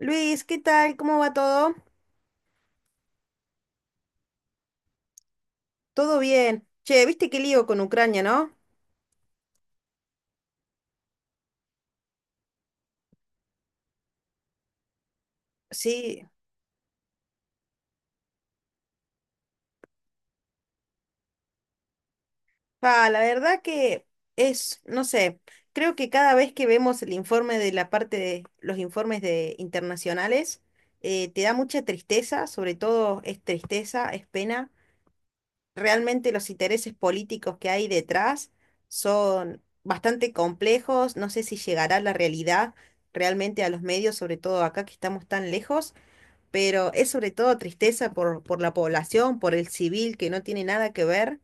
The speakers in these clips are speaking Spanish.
Luis, ¿qué tal? ¿Cómo va todo? Todo bien. Che, ¿viste qué lío con Ucrania, no? Sí. Pa, la verdad que es, no sé, creo que cada vez que vemos el informe de la parte de los informes de internacionales, te da mucha tristeza, sobre todo es tristeza, es pena. Realmente los intereses políticos que hay detrás son bastante complejos. No sé si llegará la realidad realmente a los medios, sobre todo acá que estamos tan lejos, pero es sobre todo tristeza por la población, por el civil que no tiene nada que ver.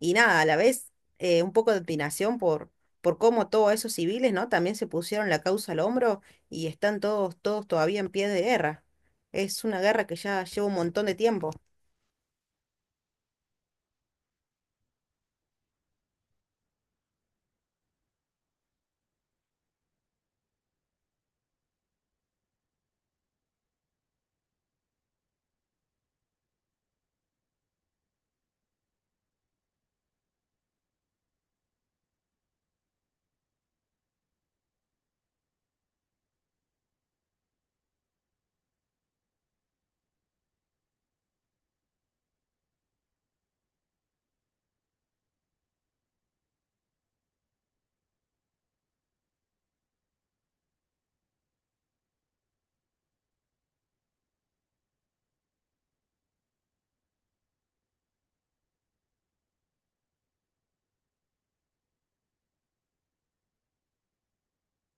Y nada, a la vez un poco de opinación por cómo todos esos civiles, ¿no? También se pusieron la causa al hombro y están todos todavía en pie de guerra. Es una guerra que ya lleva un montón de tiempo.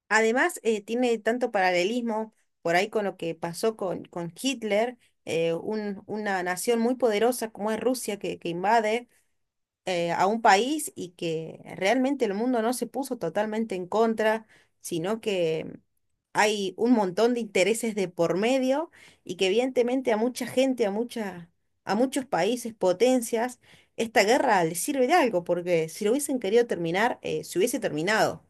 Además, tiene tanto paralelismo por ahí con lo que pasó con Hitler, una nación muy poderosa como es Rusia que invade a un país, y que realmente el mundo no se puso totalmente en contra, sino que hay un montón de intereses de por medio, y que evidentemente a mucha gente, a mucha, a muchos países, potencias, esta guerra les sirve de algo, porque si lo hubiesen querido terminar, se hubiese terminado.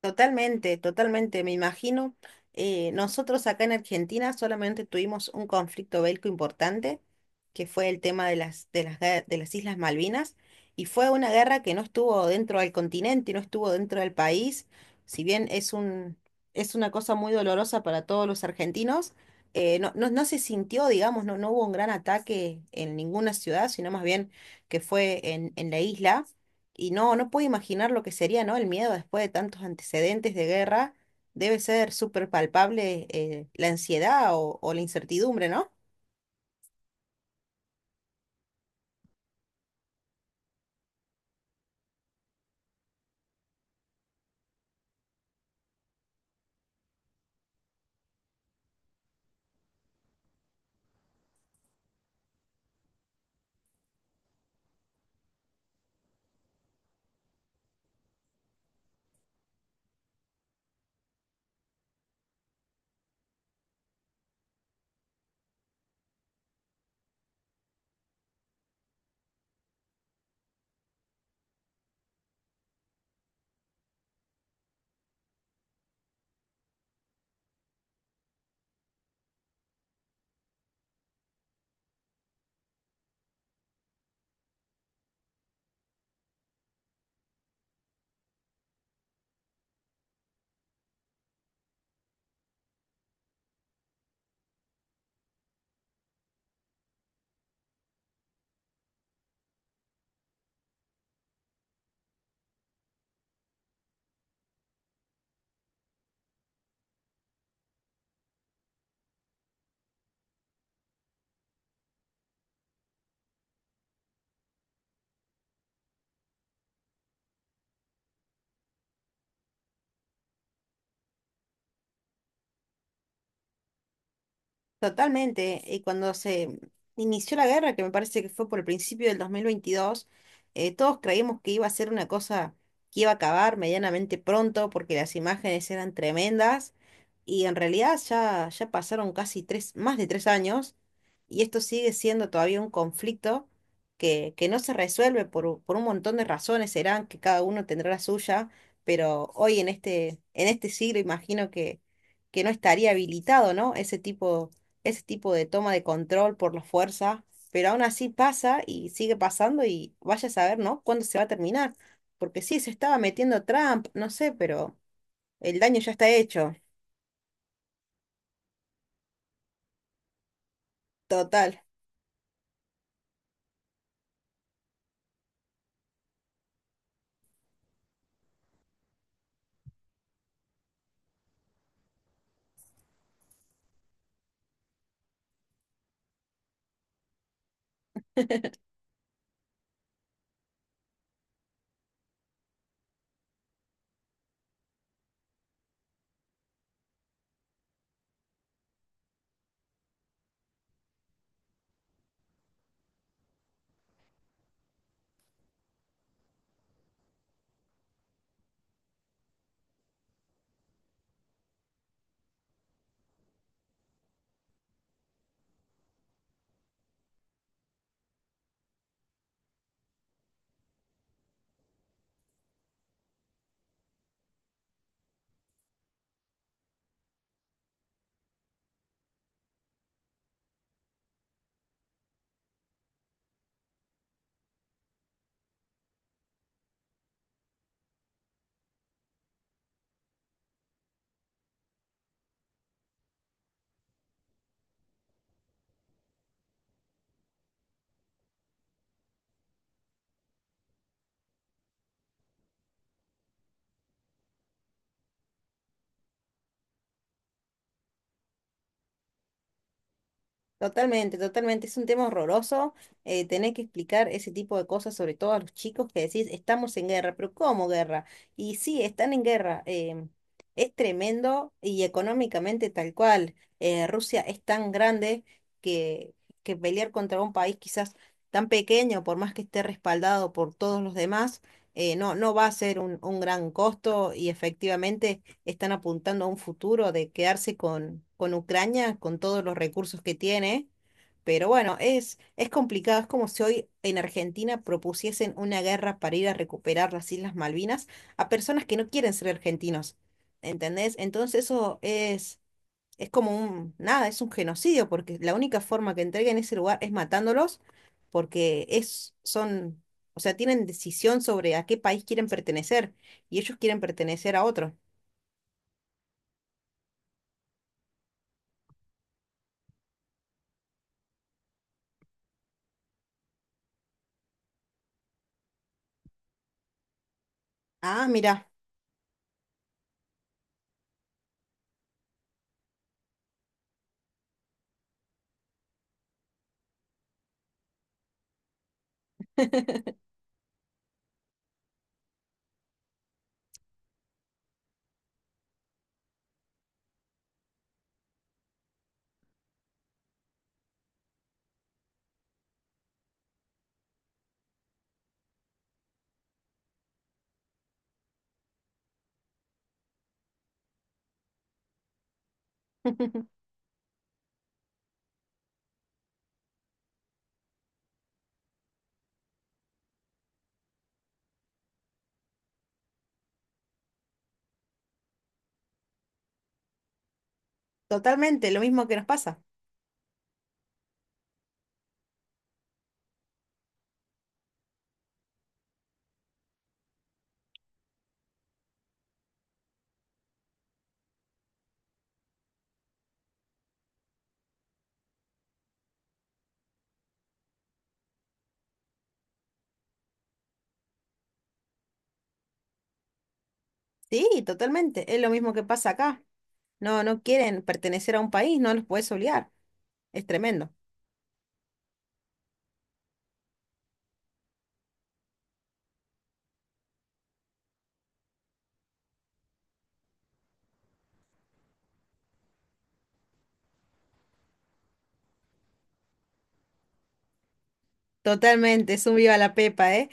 Totalmente, totalmente, me imagino. Nosotros acá en Argentina solamente tuvimos un conflicto bélico importante, que fue el tema de de las Islas Malvinas, y fue una guerra que no estuvo dentro del continente, no estuvo dentro del país. Si bien es un, es una cosa muy dolorosa para todos los argentinos, no se sintió, digamos, no hubo un gran ataque en ninguna ciudad, sino más bien que fue en la isla. Y no, no puedo imaginar lo que sería, ¿no? El miedo después de tantos antecedentes de guerra. Debe ser súper palpable la ansiedad o la incertidumbre, ¿no? Totalmente. Y cuando se inició la guerra, que me parece que fue por el principio del 2022, todos creímos que iba a ser una cosa que iba a acabar medianamente pronto porque las imágenes eran tremendas. Y en realidad ya pasaron más de tres años y esto sigue siendo todavía un conflicto que no se resuelve por un montón de razones. Serán que cada uno tendrá la suya, pero hoy en en este siglo imagino que no estaría habilitado, ¿no? Ese tipo de toma de control por la fuerza, pero aún así pasa y sigue pasando, y vaya a saber, ¿no? ¿Cuándo se va a terminar? Porque sí, se estaba metiendo Trump, no sé, pero el daño ya está hecho. Total. Totalmente, totalmente. Es un tema horroroso. Tener que explicar ese tipo de cosas, sobre todo a los chicos que decís, estamos en guerra, pero ¿cómo guerra? Y sí, están en guerra. Es tremendo y económicamente tal cual. Rusia es tan grande que, que pelear contra un país quizás tan pequeño, por más que esté respaldado por todos los demás, no va a ser un gran costo, y efectivamente están apuntando a un futuro de quedarse con Ucrania, con todos los recursos que tiene. Pero bueno, es complicado. Es como si hoy en Argentina propusiesen una guerra para ir a recuperar las Islas Malvinas a personas que no quieren ser argentinos, ¿entendés? Entonces eso es como un, nada, es un genocidio, porque la única forma que entreguen ese lugar es matándolos, porque es, son, o sea, tienen decisión sobre a qué país quieren pertenecer, y ellos quieren pertenecer a otro. Ah, mira. Totalmente, lo mismo que nos pasa. Sí, totalmente, es lo mismo que pasa acá. No, no quieren pertenecer a un país, no los puedes obligar. Es tremendo. Totalmente, es un viva la pepa, ¿eh?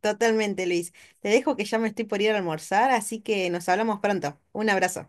Totalmente, Luis. Te dejo que ya me estoy por ir a almorzar, así que nos hablamos pronto. Un abrazo.